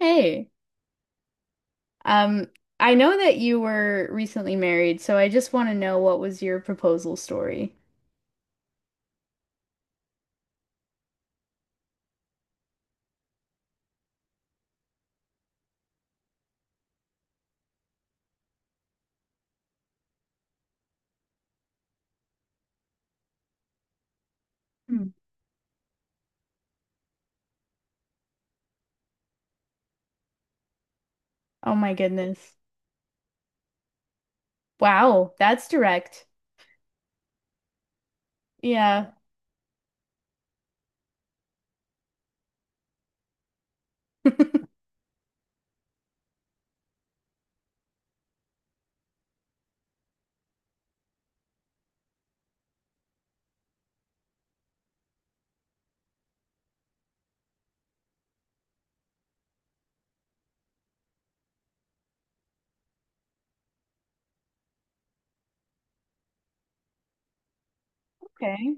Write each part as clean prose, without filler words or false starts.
Hey, um, I know that you were recently married, so I just want to know what was your proposal story? Hmm. Oh my goodness. Wow, that's direct. Yeah. Okay.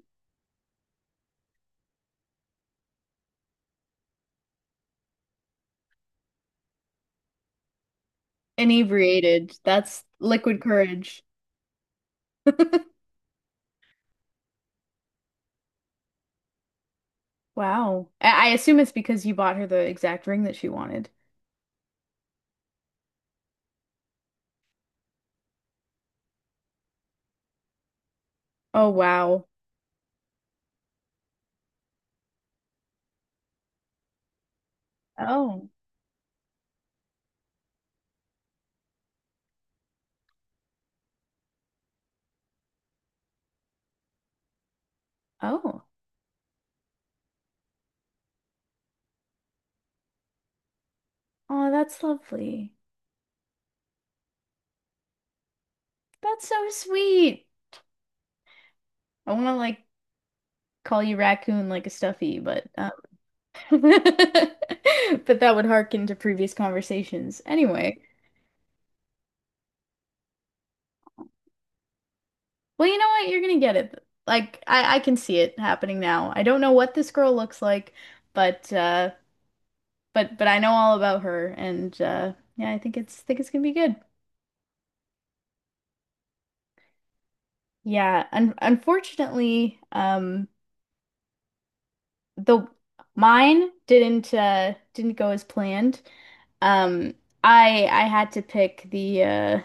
Inebriated. That's liquid courage. Wow. I assume it's because you bought her the exact ring that she wanted. Oh, wow. Oh, Oh. Oh, that's lovely. That's so sweet. I want to like call you raccoon like a stuffy, but But that would harken to previous conversations. Anyway, well, you know what? You're gonna get it. Like I can see it happening now. I don't know what this girl looks like, but but I know all about her and yeah, I think it's gonna be good. Yeah, un unfortunately, the mine didn't go as planned. Um I had to pick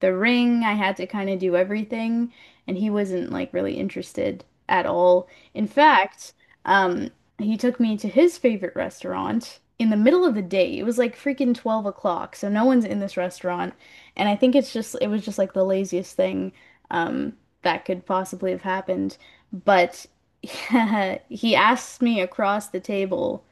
the ring. I had to kind of do everything, and he wasn't like really interested at all. In fact, um, he took me to his favorite restaurant in the middle of the day. It was like freaking 12 o'clock, so no one's in this restaurant. And I think it was just like the laziest thing um, that could possibly have happened. But he asked me across the table,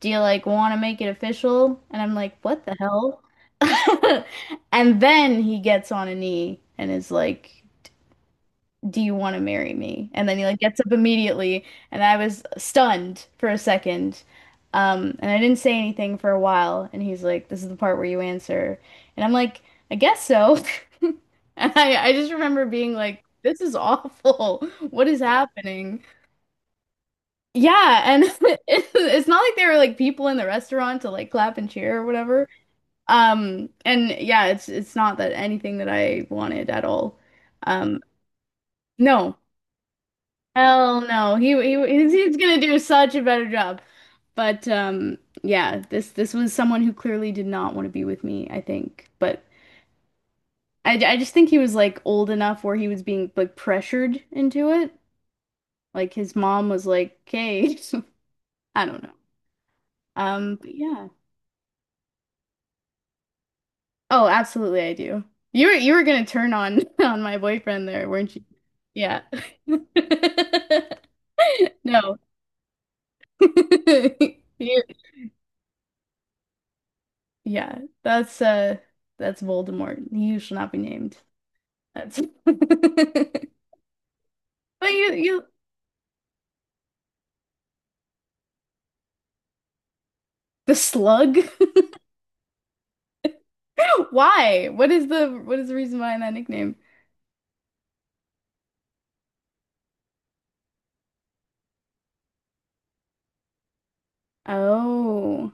do you like want to make it official? And I'm like, what the hell? And then he gets on a knee and is like, do you want to marry me? And then he like gets up immediately, and I was stunned for a second. And I didn't say anything for a while, and he's like, this is the part where you answer. And I'm like, I guess so. And I just remember being like, this is awful. What is happening? Yeah, and it's not like there were like people in the restaurant to like clap and cheer or whatever. And yeah, it's not that anything that I wanted at all. Um, no, hell no. He's gonna do such a better job. But yeah, this was someone who clearly did not want to be with me, I think. But I just think he was like old enough where he was being like pressured into it. Like his mom was like, "Okay," I don't know. But yeah. Oh, absolutely, I do. You were gonna turn on on my boyfriend there, weren't you? Yeah. No. You- Yeah, that's Voldemort. You shall not be named. That's But you the slug? Why? What is the reason behind that nickname? Oh,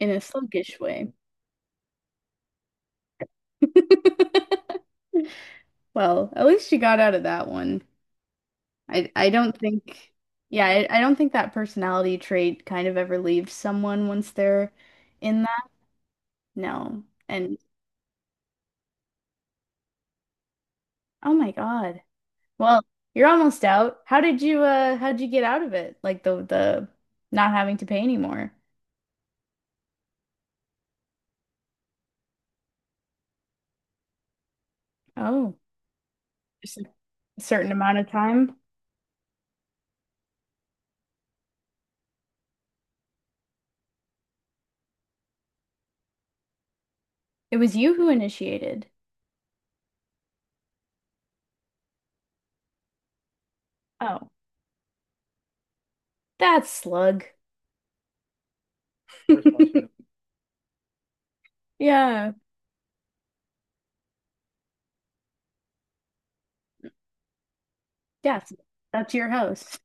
in a sluggish way. Well, at least you got out of that one. I don't think yeah, I don't think that personality trait kind of ever leaves someone once they're in that. No. And oh my God. Well, you're almost out. How did you get out of it? Like the not having to pay anymore. Oh, just a certain amount of time. It was you who initiated. Oh, that's slug. Yeah. Yes. That's your house.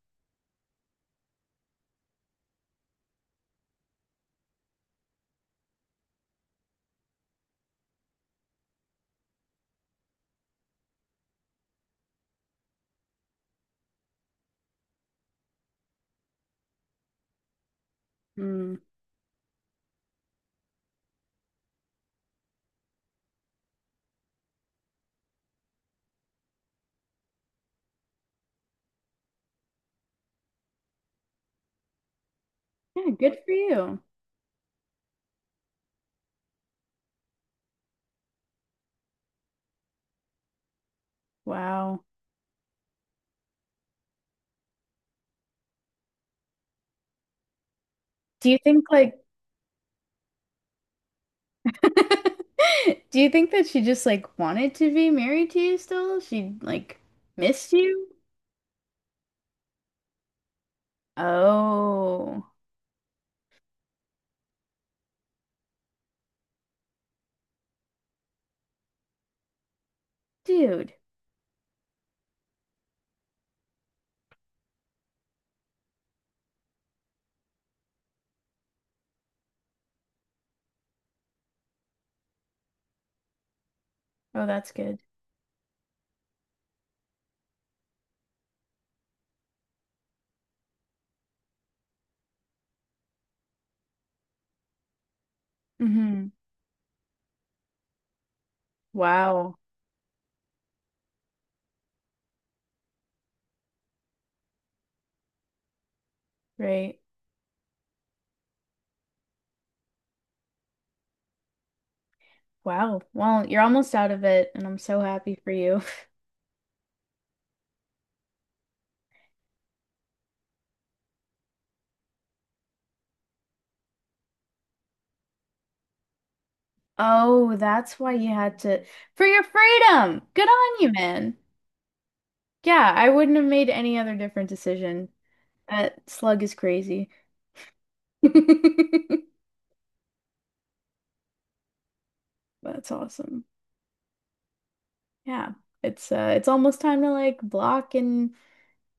Hmm. Yeah, good for you. Wow. Do you think like do you think that she just like wanted to be married to you still? She like missed you? Oh, dude. Oh, that's good. Hmm. Wow. Right. Wow. Well, you're almost out of it, and I'm so happy for you. Oh, that's why you had to for your freedom. Good on you, man. Yeah, I wouldn't have made any other different decision. That slug is crazy. That's awesome. Yeah. It's almost time to like block and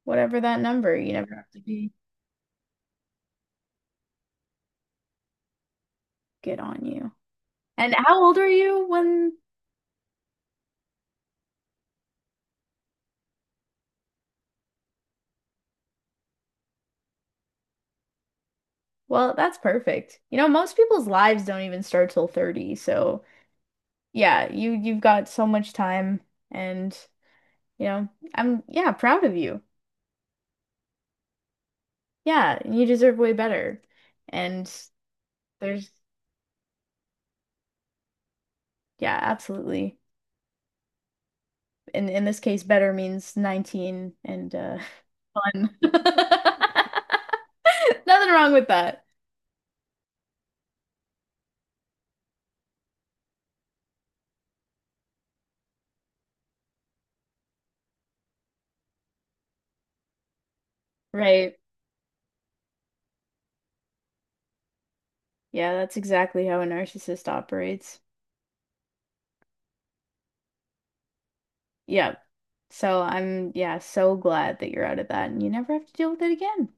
whatever that number, you never have to be get on you. And how old are you when well, that's perfect. You know, most people's lives don't even start till 30, so yeah, you've got so much time and you know, I'm yeah, proud of you. Yeah, you deserve way better. And there's yeah, absolutely. In this case, better means 19 and fun. Nothing wrong with that. Right. Yeah, that's exactly how a narcissist operates. Yep. So I'm, yeah, so glad that you're out of that and you never have to deal with it again.